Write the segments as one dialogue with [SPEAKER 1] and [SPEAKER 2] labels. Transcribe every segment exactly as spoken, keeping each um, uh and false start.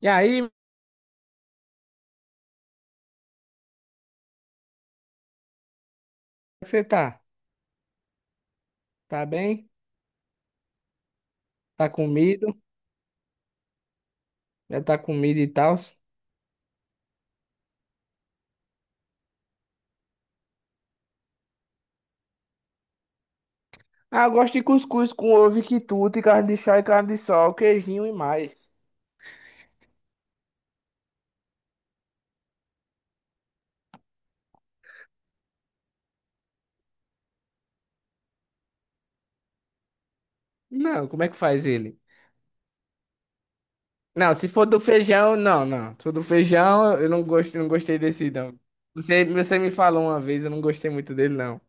[SPEAKER 1] E aí, como é que você tá? Tá bem? Tá comido? Já tá comido e tal? Ah, eu gosto de cuscuz com ovo e quitute, carne de chá e carne de sol, queijinho e mais. Não, como é que faz ele? Não, se for do feijão, não, não. Se for do feijão, eu não gosto, não gostei desse, não. Você, você me falou uma vez, eu não gostei muito dele, não.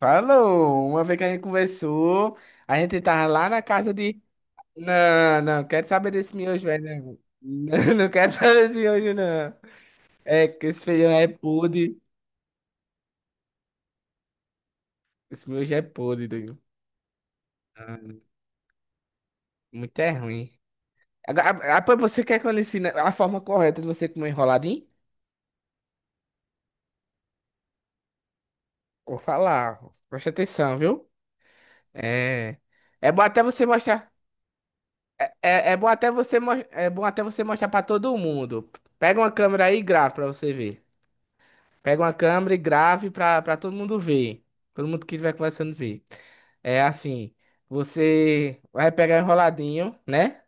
[SPEAKER 1] Falou! Uma vez que a gente conversou, a gente tava lá na casa de... Não, não, quero saber desse miojo, velho. Não, não quero saber desse miojo, não. É, que esse feijão é podre. Esse meu já é podre, doido. Ah, muito é ruim. Agora, ah, pô, você quer que eu lhe ensine a forma correta de você comer enroladinho? Vou falar. Ó, preste atenção, viu? É. É bom até você mostrar. É, é bom até você mo- é bom até você mostrar pra todo mundo. Pega uma câmera aí e grave pra você ver. Pega uma câmera e grave pra, pra todo mundo ver. Todo mundo que estiver conversando ver. É assim. Você vai pegar enroladinho, né?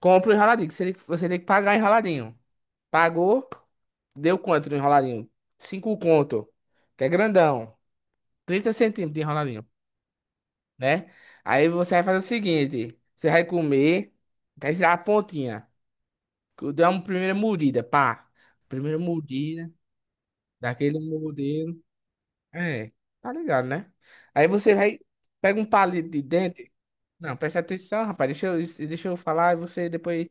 [SPEAKER 1] Compra o enroladinho, que você tem que você tem que pagar enroladinho. Pagou, deu quanto no enroladinho? Cinco conto, que é grandão. Trinta centímetros de enroladinho, né? Aí você vai fazer o seguinte, você vai comer, vai tirar a pontinha. Dá uma primeira mordida, pá. Primeira mordida, daquele modelo. É, tá ligado, né? Aí você vai, pega um palito de dente. Não, presta atenção, rapaz. Deixa eu, deixa eu falar e você depois,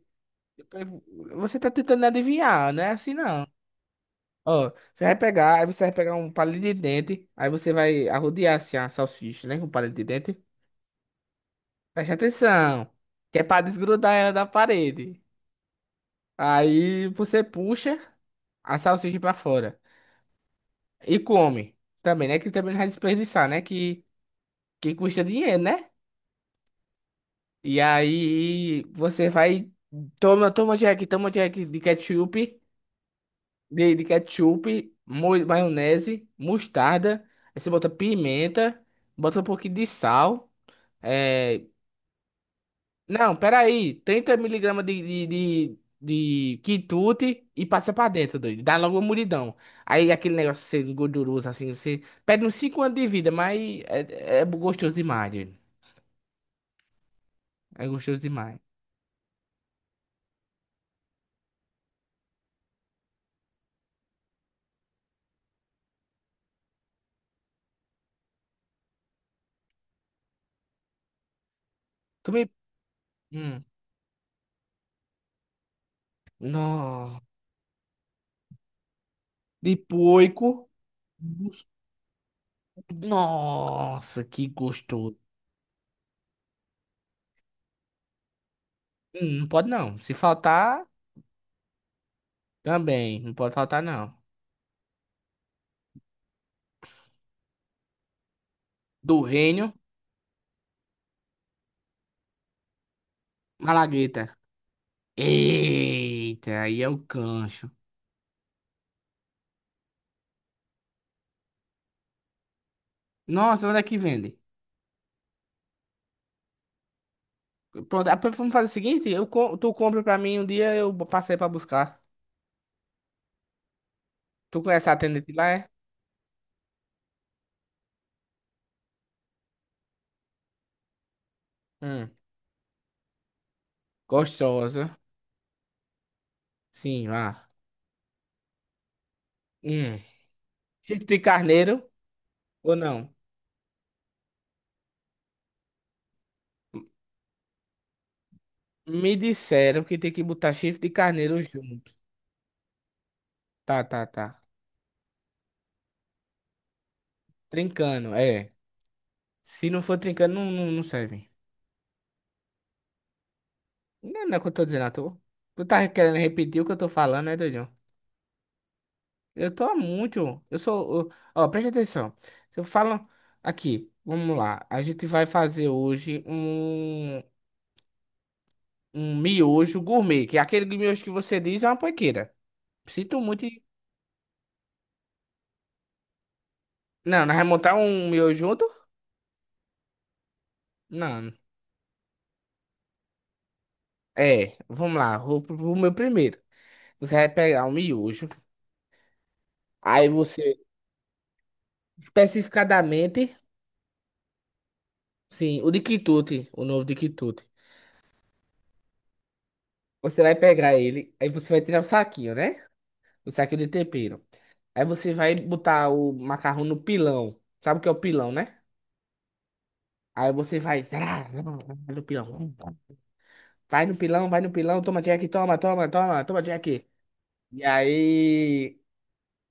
[SPEAKER 1] depois. Você tá tentando adivinhar, não é assim não. Ó, você vai pegar, aí você vai pegar um palito de dente, aí você vai arrodear assim a salsicha, né, com o palito de dente. Preste atenção, que é pra desgrudar ela da parede. Aí você puxa a salsicha pra fora e come. Também, né, que também não vai desperdiçar, né, que, que custa dinheiro, né? E aí você vai, toma, toma Jack, toma Jack de ketchup, de, de ketchup, mo- maionese, mostarda, aí você bota pimenta, bota um pouquinho de sal. É... Não, peraí. Trinta miligramas de, de, de, de quitute e passa pra dentro, doido. Dá logo uma mulidão. Aí aquele negócio sendo gorduroso, assim, você perde uns cinco anos de vida, mas é, é gostoso demais, doido. É gostoso demais. Tu me... Hum. Nó. De poico. Nossa, que gostoso. Hum, não pode não. Se faltar, também. Não pode faltar, não. Do reino, malagueta. Eita, aí é o cancho. Nossa, onde é que vende? Pronto, ah, vamos fazer o seguinte, eu, com- tu compra pra mim um dia, eu passei pra buscar. Tu conhece a atendente lá, é? Hum, gostosa. Sim, lá. Hum. Chifre de carneiro ou não? Me disseram que tem que botar chifre de carneiro junto. Tá, tá, tá. Trincando, é. Se não for trincando, não, não, não serve. Não é não é o que eu tô dizendo, tu. Tu tá querendo repetir o que eu tô falando, né, doido? Eu tô há muito. Eu sou. Ó, preste atenção. Eu falo aqui, vamos lá. A gente vai fazer hoje um, um miojo gourmet, que é aquele miojo que você diz é uma panqueira. Sinto muito. em- Não, nós vamos montar um miojo junto? Não. É, vamos lá. Vou pro pro meu primeiro. Você vai pegar um miojo. Aí você, especificadamente, sim, o de quitute, o novo de quitute. Você vai pegar ele, aí você vai tirar o saquinho, né? O saquinho de tempero. Aí você vai botar o macarrão no pilão. Sabe o que é o pilão, né? Aí você vai. Zá, zá, zá, no pilão. Vai no pilão, vai no pilão, toma Jack, toma, toma, toma, toma Jack. E aí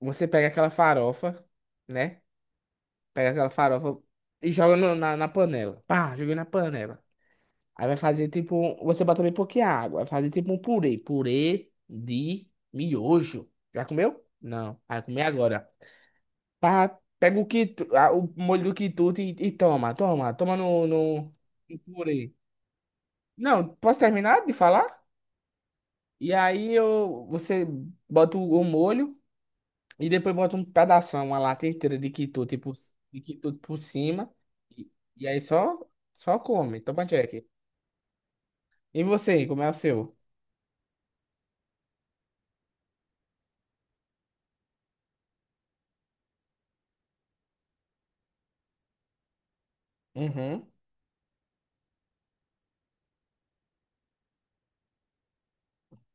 [SPEAKER 1] você pega aquela farofa, né? Pega aquela farofa e joga no- na, na panela. Pá, joguei na panela. Aí vai fazer tipo. Um- Você bota bem pouquinha água. Vai fazer tipo um purê. Purê de miojo. Já comeu? Não. Vai comer agora. Pá, pega o, quitu, ah, o molho do quitute e, e toma, toma, toma no, no, no purê. Não, posso terminar de falar? E aí eu, você bota o, o molho e depois bota um pedaço, uma lata inteira de quitute por, de quitute por cima. E, e aí só, só come, toma check. E você, como é o seu? Uhum.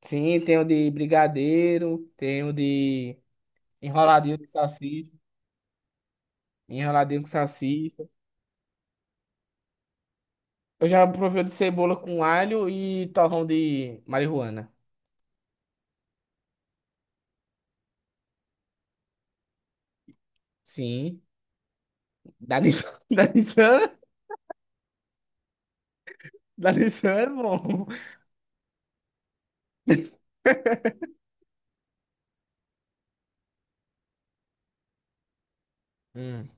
[SPEAKER 1] Sim, tem o de brigadeiro, tem o de enroladinho de salsicha, enroladinho com salsicha. Eu já provei o de cebola com alho e torrão de marihuana. Sim. Da Nissan. Da Nissan? Da Nissan é bom. Hum,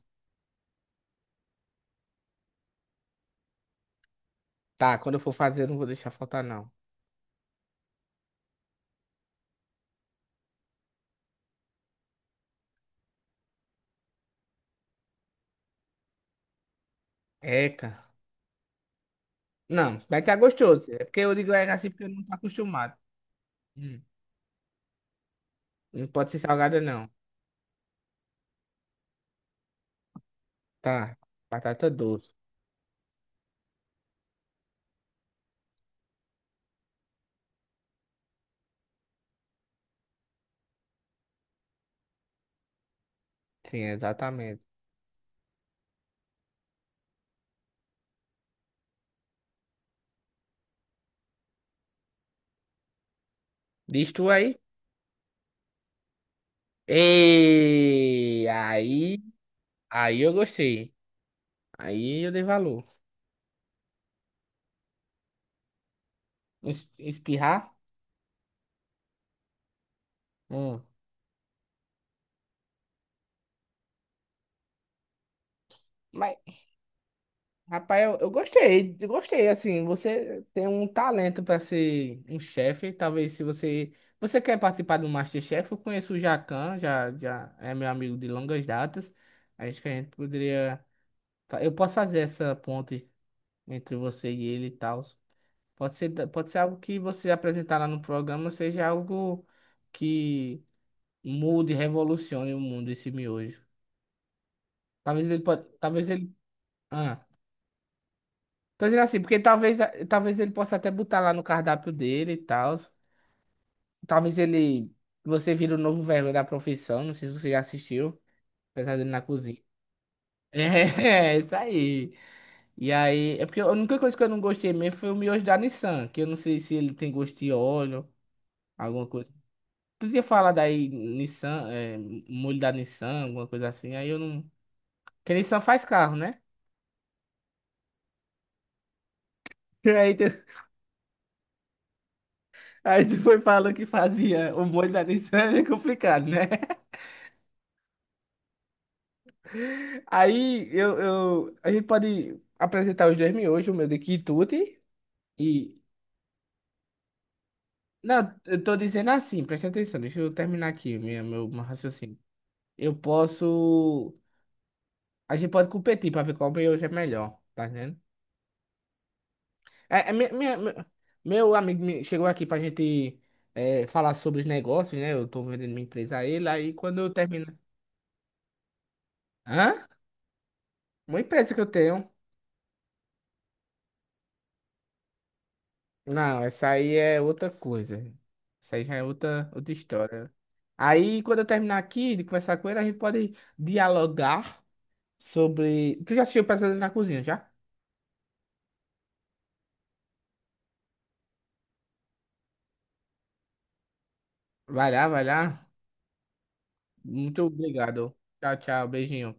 [SPEAKER 1] tá, quando eu for fazer, eu não vou deixar faltar, não. Eca. Não, vai ficar gostoso. É porque eu digo eca assim porque eu não tô acostumado. Hum. Não pode ser salgada, não. Tá. Batata doce. Sim, exatamente. Diz tu aí. Ei, aí. Aí eu gostei. Aí eu dei valor. Es- Espirrar? Hum. Rapaz, eu, eu gostei, eu gostei, assim, você tem um talento para ser um chefe, talvez se você, você quer participar do MasterChef, eu conheço o Jacan, já, já é meu amigo de longas datas, acho que a gente poderia, fa- eu posso fazer essa ponte entre você e ele e tal, pode ser, da- pode ser algo que você apresentar lá no programa, seja algo que mude, revolucione o mundo, esse miojo, talvez ele pode, talvez ele, ah. Tô dizendo assim, porque talvez, talvez ele possa até botar lá no cardápio dele e tal. Talvez ele. Você vira o novo vergonha da profissão, não sei se você já assistiu, apesar dele na cozinha. É, é isso aí. E aí, é porque a única coisa que eu não gostei mesmo foi o miojo da Nissan, que eu não sei se ele tem gosto de óleo, alguma coisa. Tu tinha falado aí, Nissan, é, molho da Nissan, alguma coisa assim, aí eu não. Porque Nissan faz carro, né? Aí tu, aí tu foi falando que fazia o molho da Nissan, é complicado, né? Aí eu, eu, a gente pode apresentar os dois miojos, o meu de quitute e. Não, eu tô dizendo assim, presta atenção, deixa eu terminar aqui minha, meu, meu raciocínio. Eu posso. A gente pode competir pra ver qual miojo é melhor, tá vendo? É, é, minha- minha- meu meu amigo me- chegou aqui pra gente é, falar sobre os negócios, né? Eu tô vendendo minha empresa a ele, aí quando eu termino. Hã? Uma empresa que eu tenho. Não, essa aí é outra coisa. Essa aí já é outra, outra história. Aí, quando eu terminar aqui de conversar com ele, a gente pode dialogar sobre. Tu já assistiu Pesadelo na Cozinha, já? Vai lá, vai lá. Muito obrigado. Tchau, tchau. Beijinho.